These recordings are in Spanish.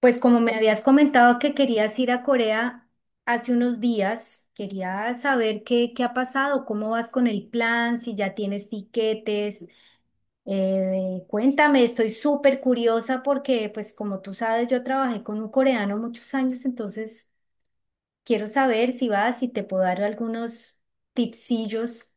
Pues como me habías comentado que querías ir a Corea hace unos días, quería saber qué ha pasado, cómo vas con el plan, si ya tienes tiquetes. Cuéntame, estoy súper curiosa porque, pues como tú sabes, yo trabajé con un coreano muchos años, entonces quiero saber si vas, si te puedo dar algunos tipsillos.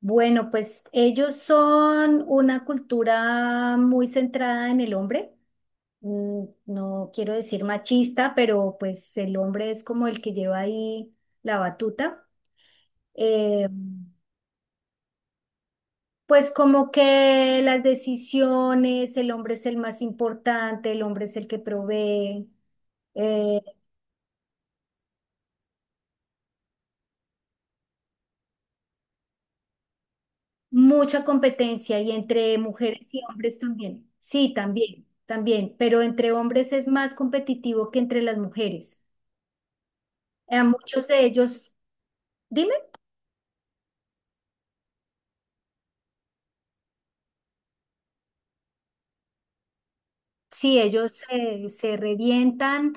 Bueno, pues ellos son una cultura muy centrada en el hombre. Mm, no quiero decir machista, pero pues el hombre es como el que lleva ahí la batuta. Eh, pues como que las decisiones, el hombre es el más importante, el hombre es el que provee. eh, Mucha competencia y entre mujeres y hombres también. Sí, también, también, pero entre hombres es más competitivo que entre las mujeres. A muchos de ellos, dime, sí, ellos se revientan,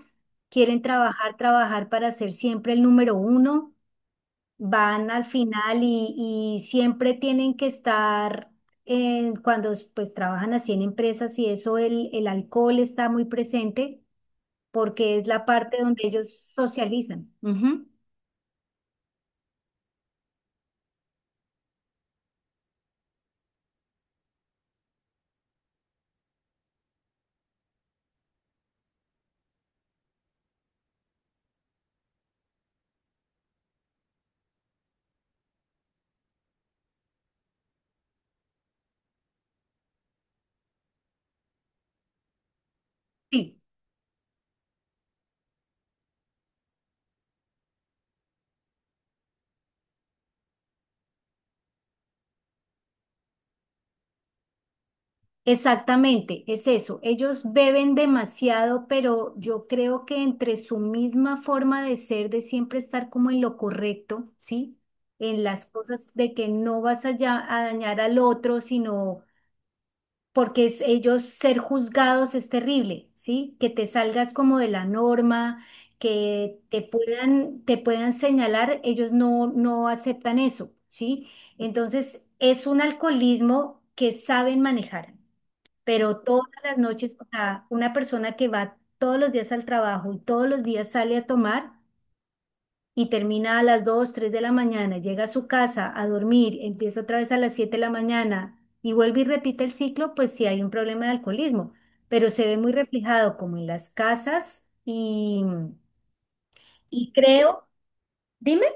quieren trabajar, trabajar para ser siempre el número uno, van al final y siempre tienen que estar, cuando pues trabajan así en empresas y eso, el alcohol está muy presente porque es la parte donde ellos socializan. Ujú. Sí, exactamente, es eso. Ellos beben demasiado, pero yo creo que entre su misma forma de ser, de siempre estar como en lo correcto, ¿sí? En las cosas de que no vas a, a dañar al otro, sino porque ellos ser juzgados es terrible, ¿sí? Que te salgas como de la norma, que te puedan señalar, ellos no, no aceptan eso, ¿sí? Entonces, es un alcoholismo que saben manejar, pero todas las noches, o sea, una persona que va todos los días al trabajo y todos los días sale a tomar, y termina a las 2 o 3 de la mañana, llega a su casa a dormir, empieza otra vez a las 7 de la mañana y vuelve y repite el ciclo, pues sí hay un problema de alcoholismo, pero se ve muy reflejado como en las casas y creo, dime,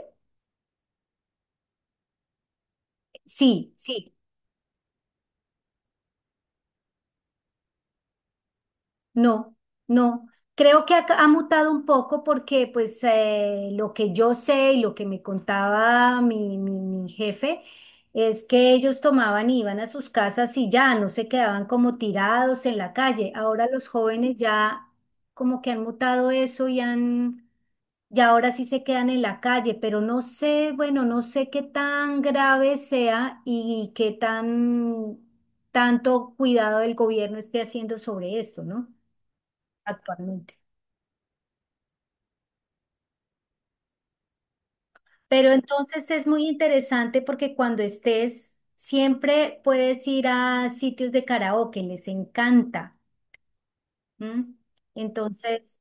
sí, sí, no, no. Creo que ha mutado un poco porque pues lo que yo sé y lo que me contaba mi jefe es que ellos tomaban y iban a sus casas y ya no se quedaban como tirados en la calle. Ahora los jóvenes ya como que han mutado eso y han, ya ahora sí se quedan en la calle, pero no sé, bueno, no sé qué tan grave sea y qué tan tanto cuidado el gobierno esté haciendo sobre esto, ¿no? Actualmente. Pero entonces es muy interesante porque cuando estés, siempre puedes ir a sitios de karaoke, les encanta. ¿M? Entonces,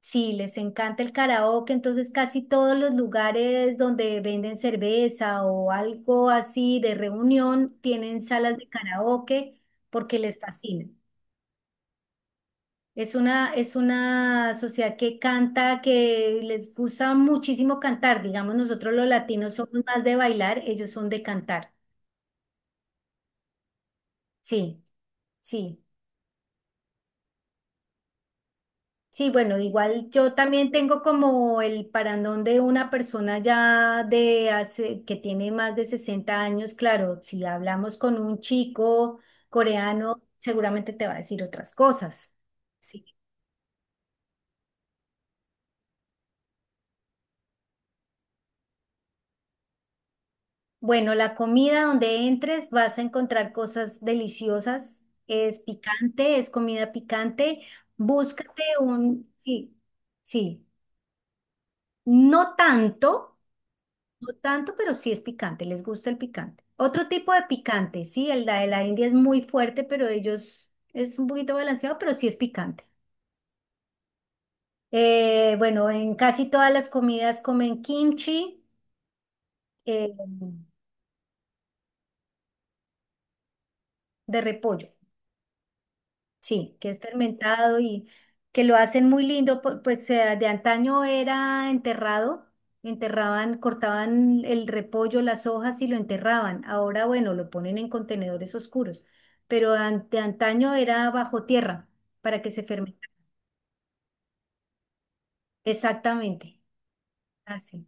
sí, les encanta el karaoke, entonces casi todos los lugares donde venden cerveza o algo así de reunión tienen salas de karaoke porque les fascina. Es una sociedad que canta, que les gusta muchísimo cantar. Digamos, nosotros los latinos somos más de bailar, ellos son de cantar. Sí, sí. Sí, bueno, igual yo también tengo como el parandón de una persona ya de hace, que tiene más de 60 años. Claro, si hablamos con un chico coreano, seguramente te va a decir otras cosas. Sí. Bueno, la comida donde entres vas a encontrar cosas deliciosas. Es picante, es comida picante. Búscate un, sí, sí, no tanto, no tanto, pero sí es picante, les gusta el picante. Otro tipo de picante, sí, el de la India es muy fuerte, pero ellos es un poquito balanceado, pero sí es picante. Bueno, en casi todas las comidas comen kimchi eh, de repollo. Sí, que es fermentado y que lo hacen muy lindo, pues de antaño era enterrado, enterraban, cortaban el repollo, las hojas y lo enterraban. Ahora, bueno, lo ponen en contenedores oscuros, pero de antaño era bajo tierra para que se fermente. Exactamente, así.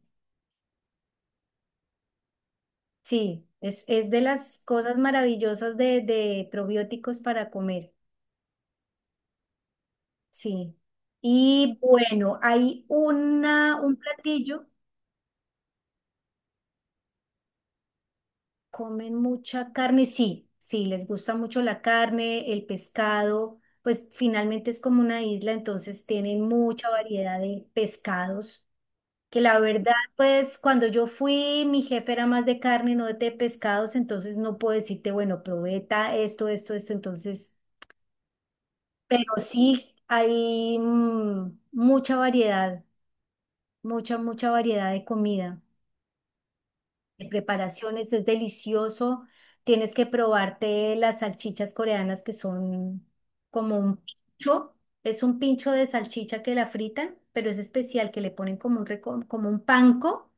Sí, es de las cosas maravillosas de probióticos para comer, sí. Y bueno, hay una, un platillo. Comen mucha carne, sí, sí, les gusta mucho la carne, el pescado, pues finalmente es como una isla, entonces tienen mucha variedad de pescados, que la verdad, pues cuando yo fui, mi jefe era más de carne, no de pescados, entonces no puedo decirte, bueno, esto, esto, esto, entonces, pero sí hay mucha variedad, mucha variedad de comida. De preparaciones, es delicioso. Tienes que probarte las salchichas coreanas que son como un pincho, es un pincho de salchicha que la fritan, pero es especial, que le ponen como un, como un panko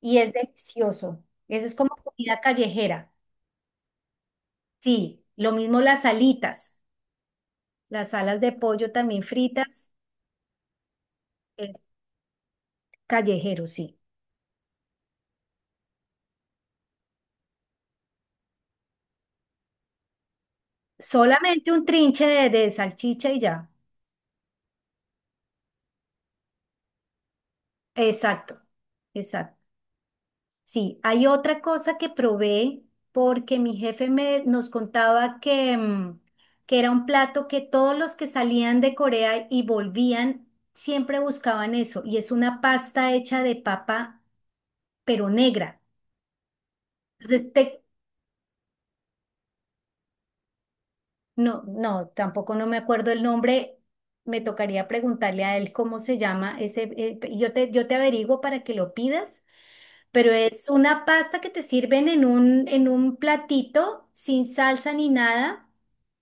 y es delicioso. Eso es como comida callejera. Sí, lo mismo las alitas, las alas de pollo también fritas, es callejero, sí. Solamente un trinche de salchicha y ya. Exacto, exacto. Sí, hay otra cosa que probé porque mi jefe me, nos contaba que, que era un plato que todos los que salían de Corea y volvían siempre buscaban eso, y es una pasta hecha de papa, pero negra. Entonces te, No, no, tampoco no me acuerdo el nombre. Me tocaría preguntarle a él cómo se llama ese. Y yo te averiguo para que lo pidas, pero es una pasta que te sirven en un platito sin salsa ni nada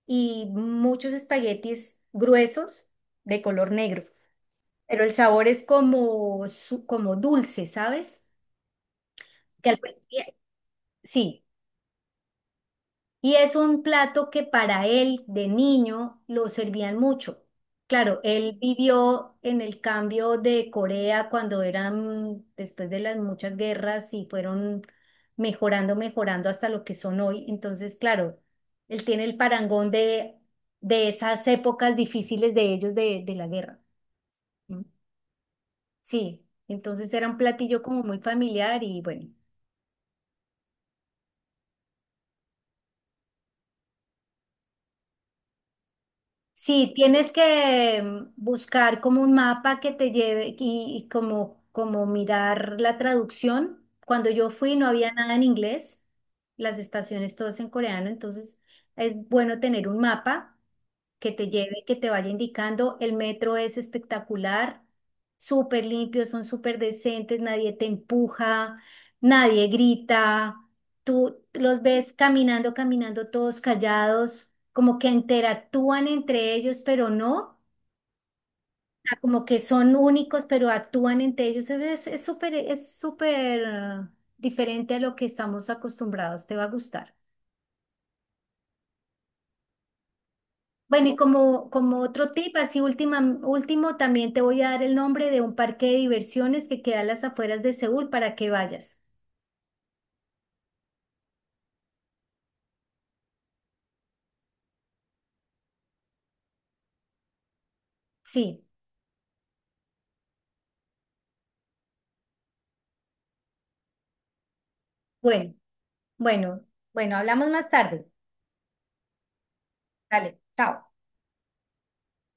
y muchos espaguetis gruesos de color negro. Pero el sabor es como, como dulce, ¿sabes? Que al- prin- sí. Y es un plato que para él de niño lo servían mucho. Claro, él vivió en el cambio de Corea cuando eran, después de las muchas guerras y fueron mejorando, mejorando hasta lo que son hoy. Entonces, claro, él tiene el parangón de esas épocas difíciles de ellos de la guerra. ¿No? Sí, entonces era un platillo como muy familiar y bueno. Sí, tienes que buscar como un mapa que te lleve y como, como mirar la traducción. Cuando yo fui no había nada en inglés, las estaciones todas en coreano, entonces es bueno tener un mapa que te lleve, que te vaya indicando. El metro es espectacular, súper limpio, son súper decentes, nadie te empuja, nadie grita, tú los ves caminando, caminando todos callados como que interactúan entre ellos, pero no, sea, como que son únicos, pero actúan entre ellos. Es súper, es súper diferente a lo que estamos acostumbrados, te va a gustar. Bueno, y como, como otro tip, así última, último, también te voy a dar el nombre de un parque de diversiones que queda a las afueras de Seúl para que vayas. Sí, bueno, bueno, bueno, hablamos más tarde. Dale, chao.